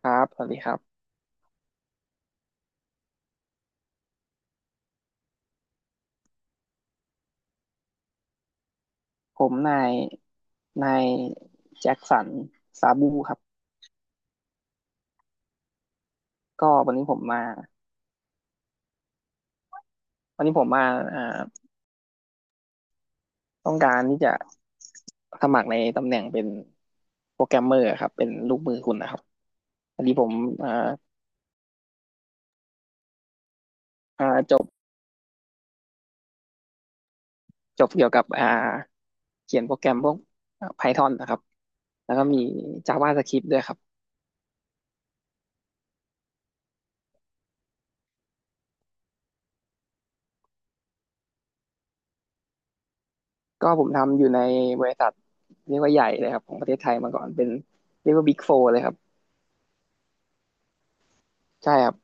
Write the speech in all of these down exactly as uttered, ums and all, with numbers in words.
ครับ สวัสดีครับ ผมนายนายแจ็คสันซาบูครับ ก็วันนี้ผมมาวันนี้ผมมาอ่าต้องการที่จะสมัครในตำแหน่งเป็นโปรแกรมเมอร์ครับเป็นลูกมือคุณนะครับพอดีผมอ่าอ่าจบจบเกี่ยวกับอ่าเขียนโปรแกรมพวก Python นะครับ แล้วก็มี JavaScript ด้วยครับ ก็ผมทำอยู่ในบริษัทเรียกว่าใหญ่เลยครับของประเทศไทยมาก่อน เป็นเรียกว่า Big Four เลยครับ ใช่ครับ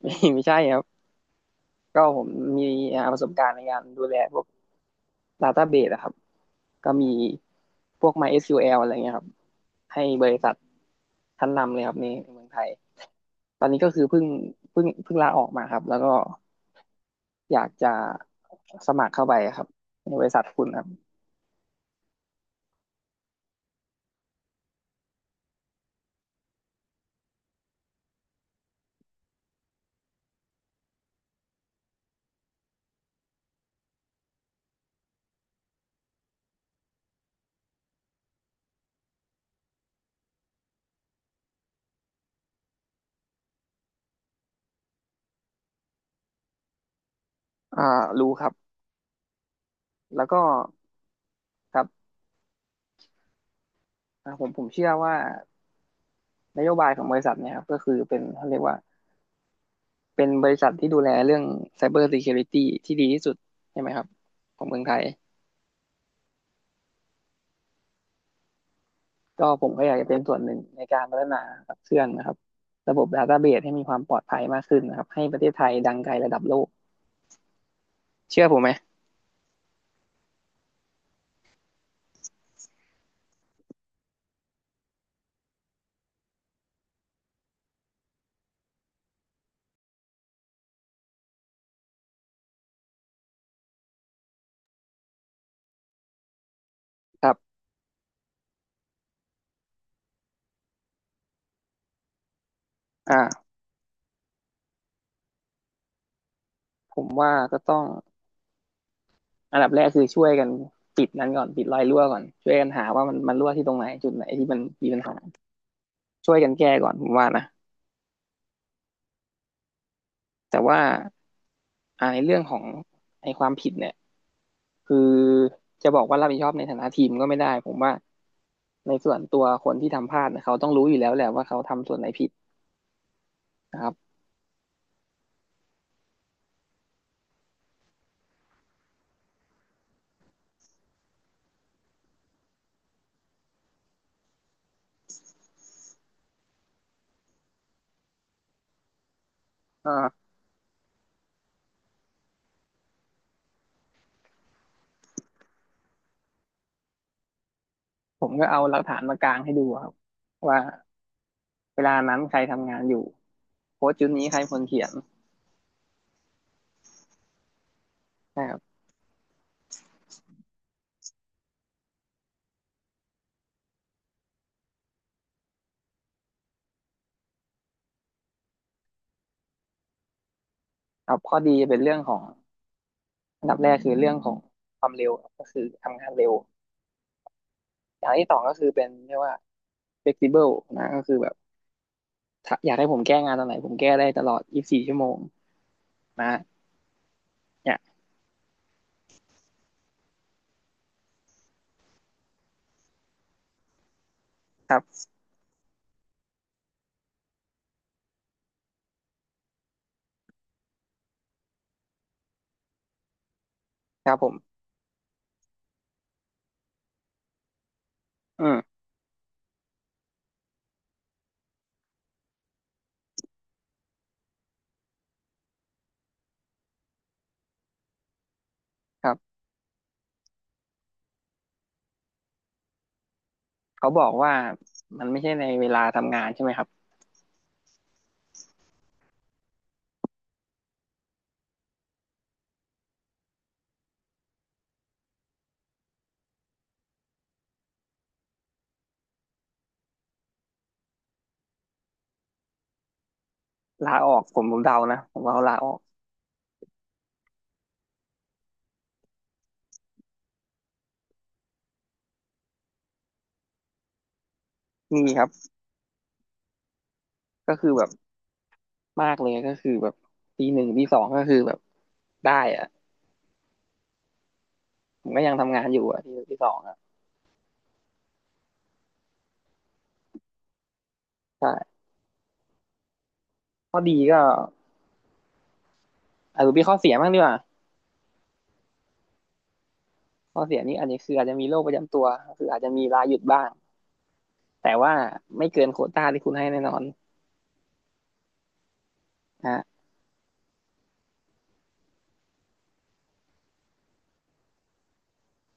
ไม่ใช่ครับ ก็ผมมีอ่าประสบการณ์ในการดูแลพวก Database อะครับก็มีพวก MySQL อะไรเงี้ยครับให้บริษัทชั้นนำเลยครับในเมืองไทยตอนนี้ก็คือเพิ่งเพิ่งเพิ่งลาออกมาครับแล้วก็อยากจะสมัครเข้าไปครับในบริษัทคุณครับอ่ารู้ครับแล้วก็ครับอ่าผมผมเชื่อว่านโยบายของบริษัทเนี่ยครับก็คือเป็นเขาเรียกว่า เป็นบริษัทที่ดูแลเรื่อง Cyber Security ที่ดีที่สุดใช่ไหมครับของเมืองไทยก็ผมก็อยากจะเป็นส่วนหนึ่งในการพัฒนาขับเคลื่อนนะครับระบบ Database ให้มีความปลอดภัยมากขึ้นนะครับให้ประเทศไทยดังไกลระดับโลกเชื่อผมไหมครับอ่าผมว่าก็ต้องอันดับแรกคือช่วยกันปิดนั้นก่อนปิดรอยรั่วก่อนช่วยกันหาว่ามันมันรั่วที่ตรงไหนจุดไหนที่มันมีปัญหาช่วยกันแก้ก่อนผมว่านะแต่ว่าอ่าในเรื่องของไอความผิดเนี่ยคือจะบอกว่ารับผิดชอบในฐานะทีมก็ไม่ได้ผมว่า ในส่วนตัวคนที่ทำพลาดเนี่ยเขาต้องรู้อยู่แล้วแหละว่าเขาทำส่วนไหนผิดนะครับอ่าผมก็เอาหลักฐานมากางให้ดูครับว่าเวลานั้นใครทำงานอยู่โค้ดชุดนี้ใครคนเขียนนะครับครับข้อดีเป็นเรื่องของอันดับแรกคือเรื่องของความเร็วก็คือทำงานเร็วอย่างที่สองก็คือเป็นเรียกว่า flexible นะก็คือแบบอยากให้ผมแก้งานตอนไหนผมแก้ได้ตลอดยี่สิบสี่ชั่วโมงชั่วโมงนะเนี่ยครับครับผมอืมครับเขาบอกว่ามันไม่ใช่ในเวลาทำงานใช่ไหมครับ ลาออกผมผมเดานะผมว่าเขาลาออกมีครับก็คือแบบมากเลยก็คือแบบปีหนึ่งปีสองก็คือแบบได้อะผมก็ยังทำงานอยู่อะปีหนึ่งปีสองอะใช่ข้อดีก็อาจจะมีข้อเสียบ้างดีกว่าข้อเสียนี่อาจจะคืออาจจะมีโรคประจำตัวก็คืออาจจะมีลาหยุดบ้างแต่ว่าไม่เกินโควต้าที่คุณให้แน่นอนนะฮะ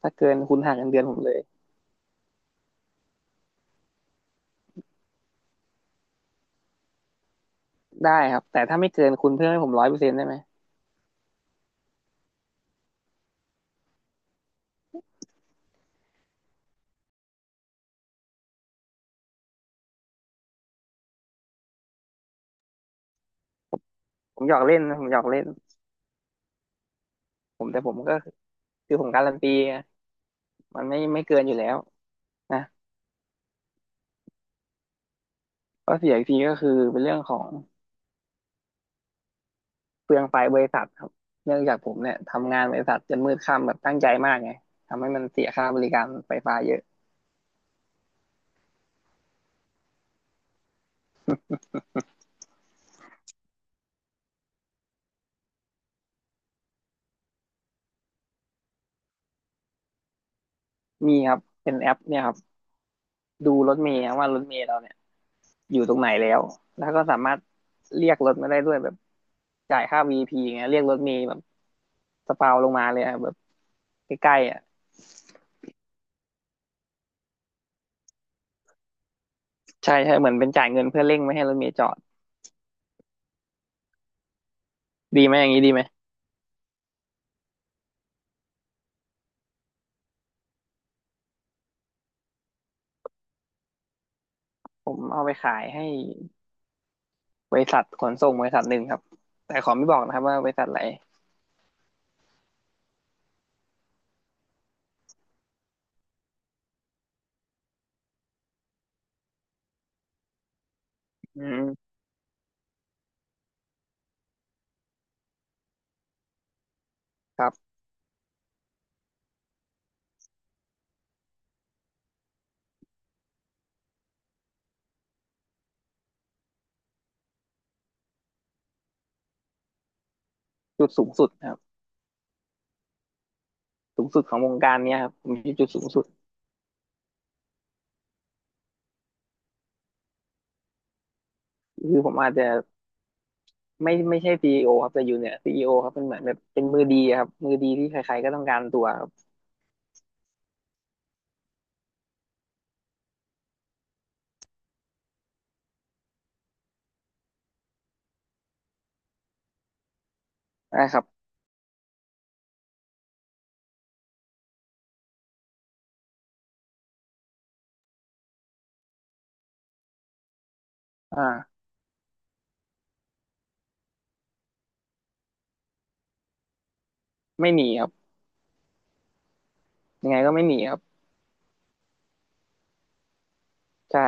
ถ้าเกินคุณหักเงินเดือนผมเลยได้ครับแต่ถ้าไม่เกินคุณเพิ่มให้ผมร้อยเปอร์เซ็นต์ได้ไหมผมหยอกเล่นนะผมหยอกเล่นผมแต่ผมก็คือผมการันตีไงมันไม่ไม่เกินอยู่แล้วนะ ข้อเสียอีกทีก็คือเป็นเรื่องของเปลืองไฟบริษัทครับเนื่องจากผมเนี่ยทำงานบริษัทจนมืดค่ำแบบตั้งใจมากไงทำให้มันเสียค่าบริการไฟฟ้าเยอะมีครับเป็นแอปเนี่ยครับดูรถเมล์ครับว่ารถเมล์เราเนี่ยอยู่ตรงไหนแล้วแล้วก็สามารถเรียกรถมาได้ด้วยแบบจ่ายค่า วี พี อพีอย่างเงี้ยเรียกรถเมล์แบบสปาวลงมาเลยอะแบบใกล้ๆอ่ะใช่ใช่เหมือนเป็นจ่ายเงินเพื่อเร่งไม่ให้รถเมล์จอดดีไหมอย่างนี้ดีไหมผมเอาไปขายให้บริษัทขนส่งบริษัทหนึ่งครับแต่ขอไม่บอกนะครับว่าบริษัทอะไหนอืม ครับจุดสูงสุดครับสูงสุดของวงการเนี้ยครับผมทีจุดสูงสุดคือผมอาจจะไม่ไม่ใช่ซีอีโอครับแต่อยู่เนี่ยซีอีโอครับเป็นเหมือนแบบเป็นมือดีอะครับมือดีที่ใครๆก็ต้องการตัวครับนะครับอ่าไม่หนีครับยังไงก็ไม่หนีครับใช่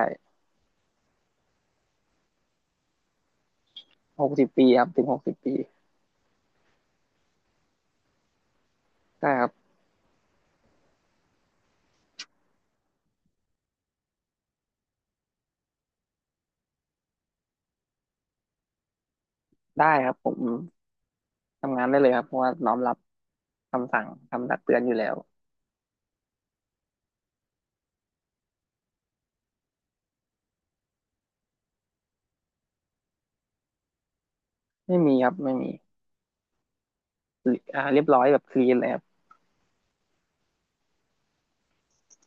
หกสิบปีครับถึงหกสิบปีใช่ครับได้ครับผมทำงานได้เลยครับเพราะว่าน้อมรับคำสั่งคำตักเตือนอยู่แล้วไม่มีครับไม่มีอ่าเรียบร้อยแบบคลีนเลยครับ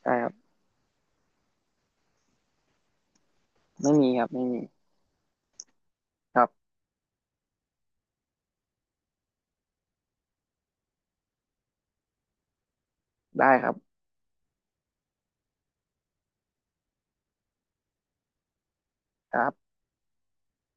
ใช่ครับไม่มีครับไม่มีครับได้ครับครับ